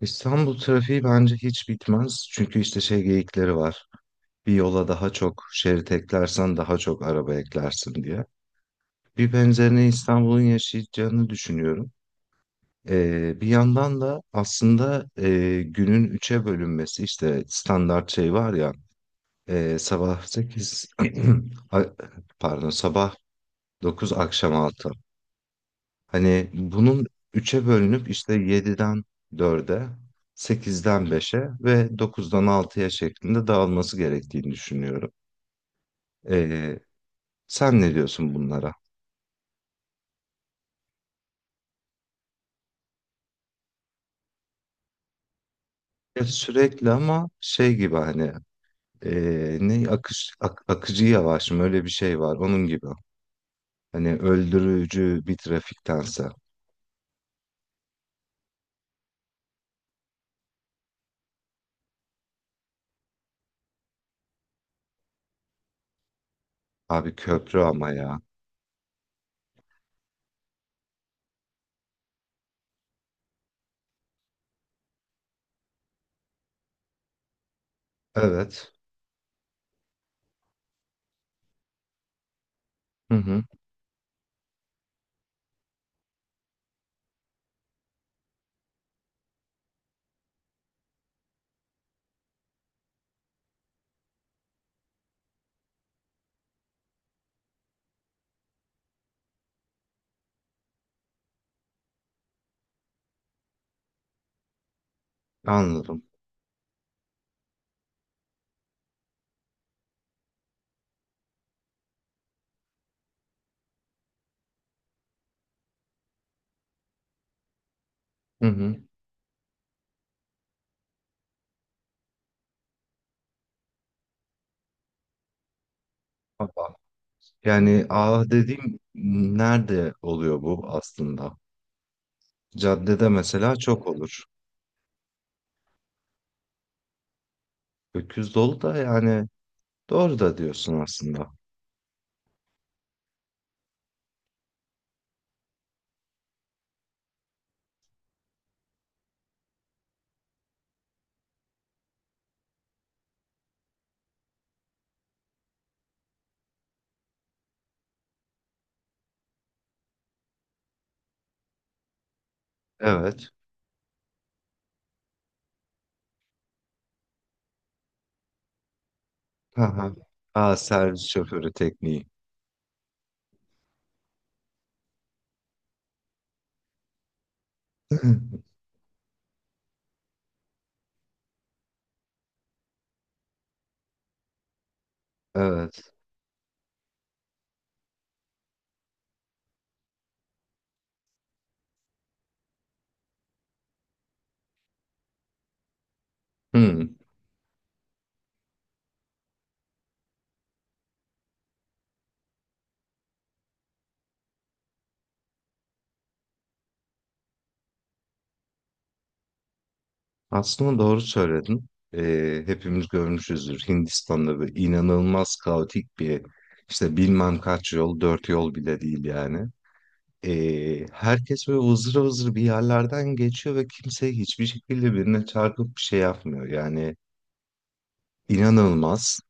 İstanbul trafiği bence hiç bitmez. Çünkü işte şey geyikleri var. Bir yola daha çok şerit eklersen daha çok araba eklersin diye. Bir benzerini İstanbul'un yaşayacağını düşünüyorum. Bir yandan da aslında günün üçe bölünmesi işte standart şey var ya, sabah 8, pardon, sabah 9 akşam 6. Hani bunun üçe bölünüp işte 7'den 4'e, 8'den 5'e ve 9'dan 6'ya şeklinde dağılması gerektiğini düşünüyorum. Ee, sen ne diyorsun bunlara? Ya sürekli ama şey gibi hani ne akış akıcı yavaş mı öyle bir şey var onun gibi. Hani öldürücü bir trafiktense. Abi köprü ama ya. Evet. Hı hı. Anladım. Hı hı. Baba. Yani ah dediğim nerede oluyor bu aslında? Caddede mesela çok olur. Öküz dolu da yani doğru da diyorsun aslında. Evet. Aha. Aa, servis şoförü tekniği. Evet. Hmm. Aslında doğru söyledin. Hepimiz görmüşüzdür. Hindistan'da böyle inanılmaz kaotik bir işte bilmem kaç yol, dört yol bile değil yani. Herkes böyle vızır vızır bir yerlerden geçiyor ve kimse hiçbir şekilde birine çarpıp bir şey yapmıyor. Yani inanılmaz.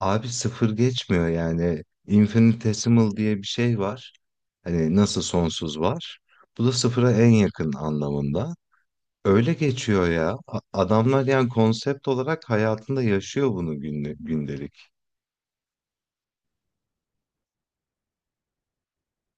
Abi sıfır geçmiyor yani. Infinitesimal diye bir şey var. Hani nasıl sonsuz var. Bu da sıfıra en yakın anlamında. Öyle geçiyor ya. Adamlar yani konsept olarak hayatında yaşıyor bunu günlük, gündelik.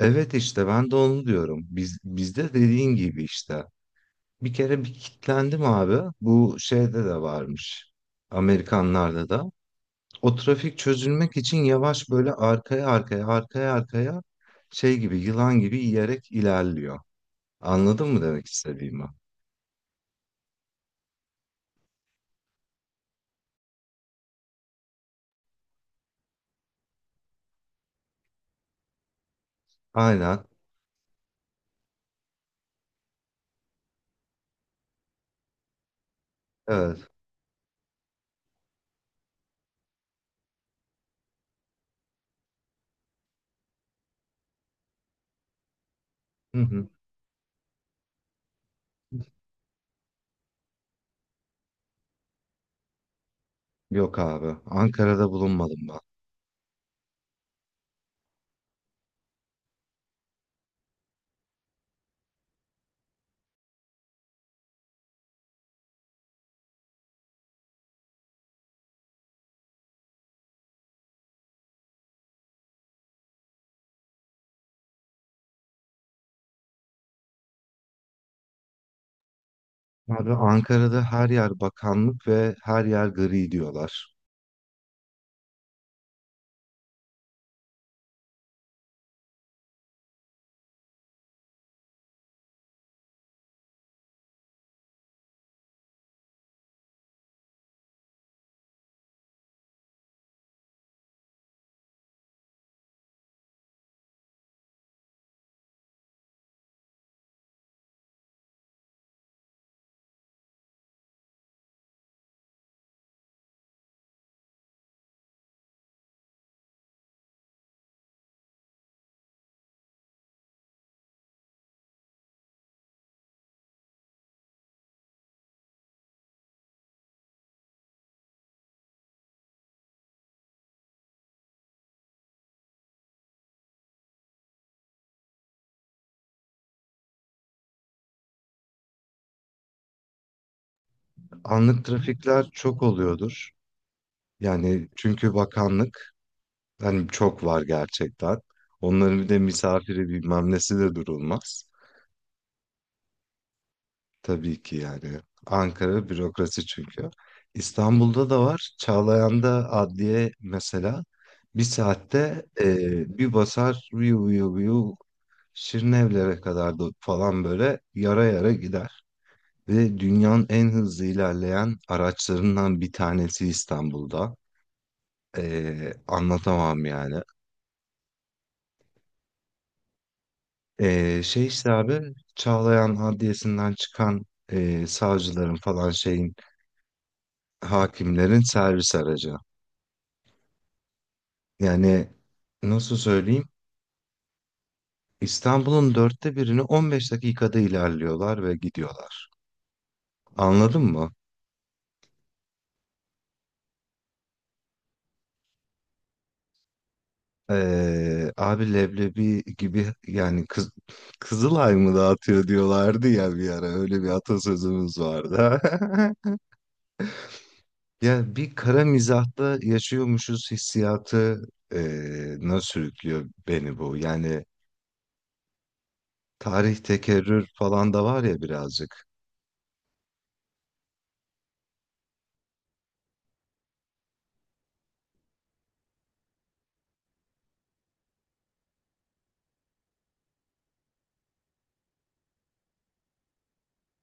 Evet işte ben de onu diyorum. Bizde dediğin gibi işte. Bir kere bir kitlendim abi. Bu şeyde de varmış. Amerikanlarda da. O trafik çözülmek için yavaş böyle arkaya arkaya arkaya arkaya şey gibi yılan gibi yiyerek ilerliyor. Anladın mı demek istediğimi? Aynen. Evet. Hı hı. Yok abi. Ankara'da bulunmadım ben. Abi Ankara'da her yer bakanlık ve her yer gri diyorlar. Anlık trafikler çok oluyordur. Yani çünkü bakanlık hani çok var gerçekten. Onların bir de misafiri bilmem nesi de durulmaz. Tabii ki yani. Ankara bürokrasi çünkü. İstanbul'da da var. Çağlayan'da adliye mesela bir saatte bir basar viyu viyu viyu Şirinevlere kadar da falan böyle yara yara gider. Ve dünyanın en hızlı ilerleyen araçlarından bir tanesi İstanbul'da. Anlatamam yani. Şey işte abi Çağlayan Adliyesi'nden çıkan savcıların falan şeyin hakimlerin servis aracı. Yani nasıl söyleyeyim? İstanbul'un dörtte birini 15 dakikada ilerliyorlar ve gidiyorlar. Anladın mı? Abi leblebi gibi yani Kızılay mı dağıtıyor diyorlardı ya bir ara öyle bir atasözümüz vardı. Ya bir kara mizahta yaşıyormuşuz hissiyatı nasıl sürüklüyor beni bu. Yani tarih tekerrür falan da var ya birazcık.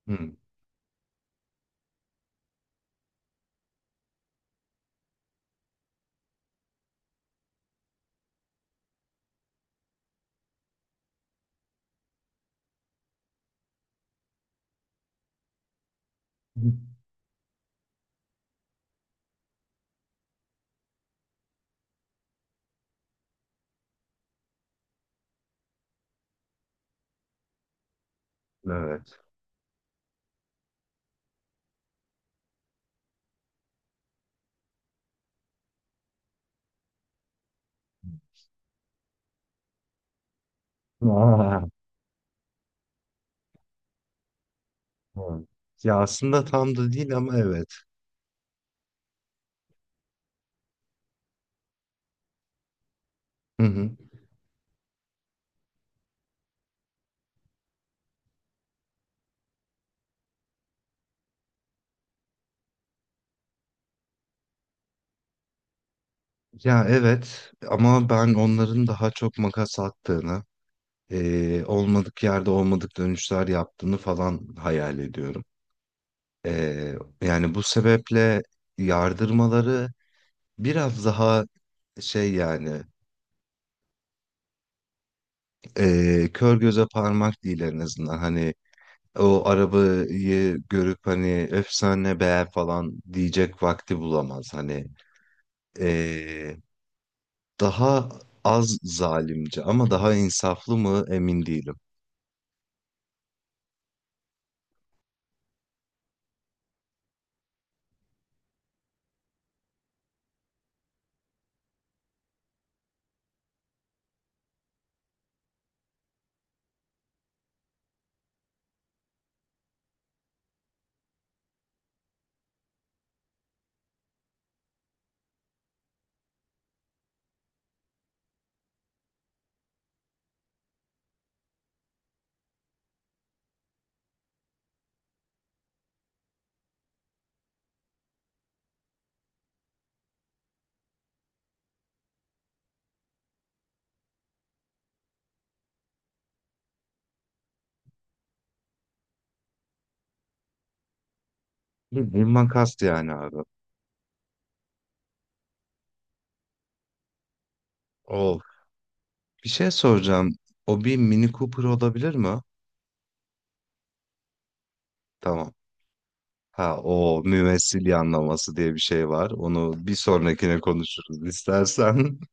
Hı. Evet. Evet. Ya aslında tam da değil ama evet. Hı hı. Ya evet ama ben onların daha çok makas attığını, olmadık yerde olmadık dönüşler yaptığını falan hayal ediyorum. Yani bu sebeple yardırmaları biraz daha şey yani kör göze parmak değil en azından. Hani o arabayı görüp hani efsane beğer falan diyecek vakti bulamaz. Hani eee, Daha az zalimce ama daha insaflı mı emin değilim. Bildiğin makas yani abi. Of. Bir şey soracağım. O bir Mini Cooper olabilir mi? Tamam. Ha o mümessil yanlaması diye bir şey var. Onu bir sonrakine konuşuruz istersen.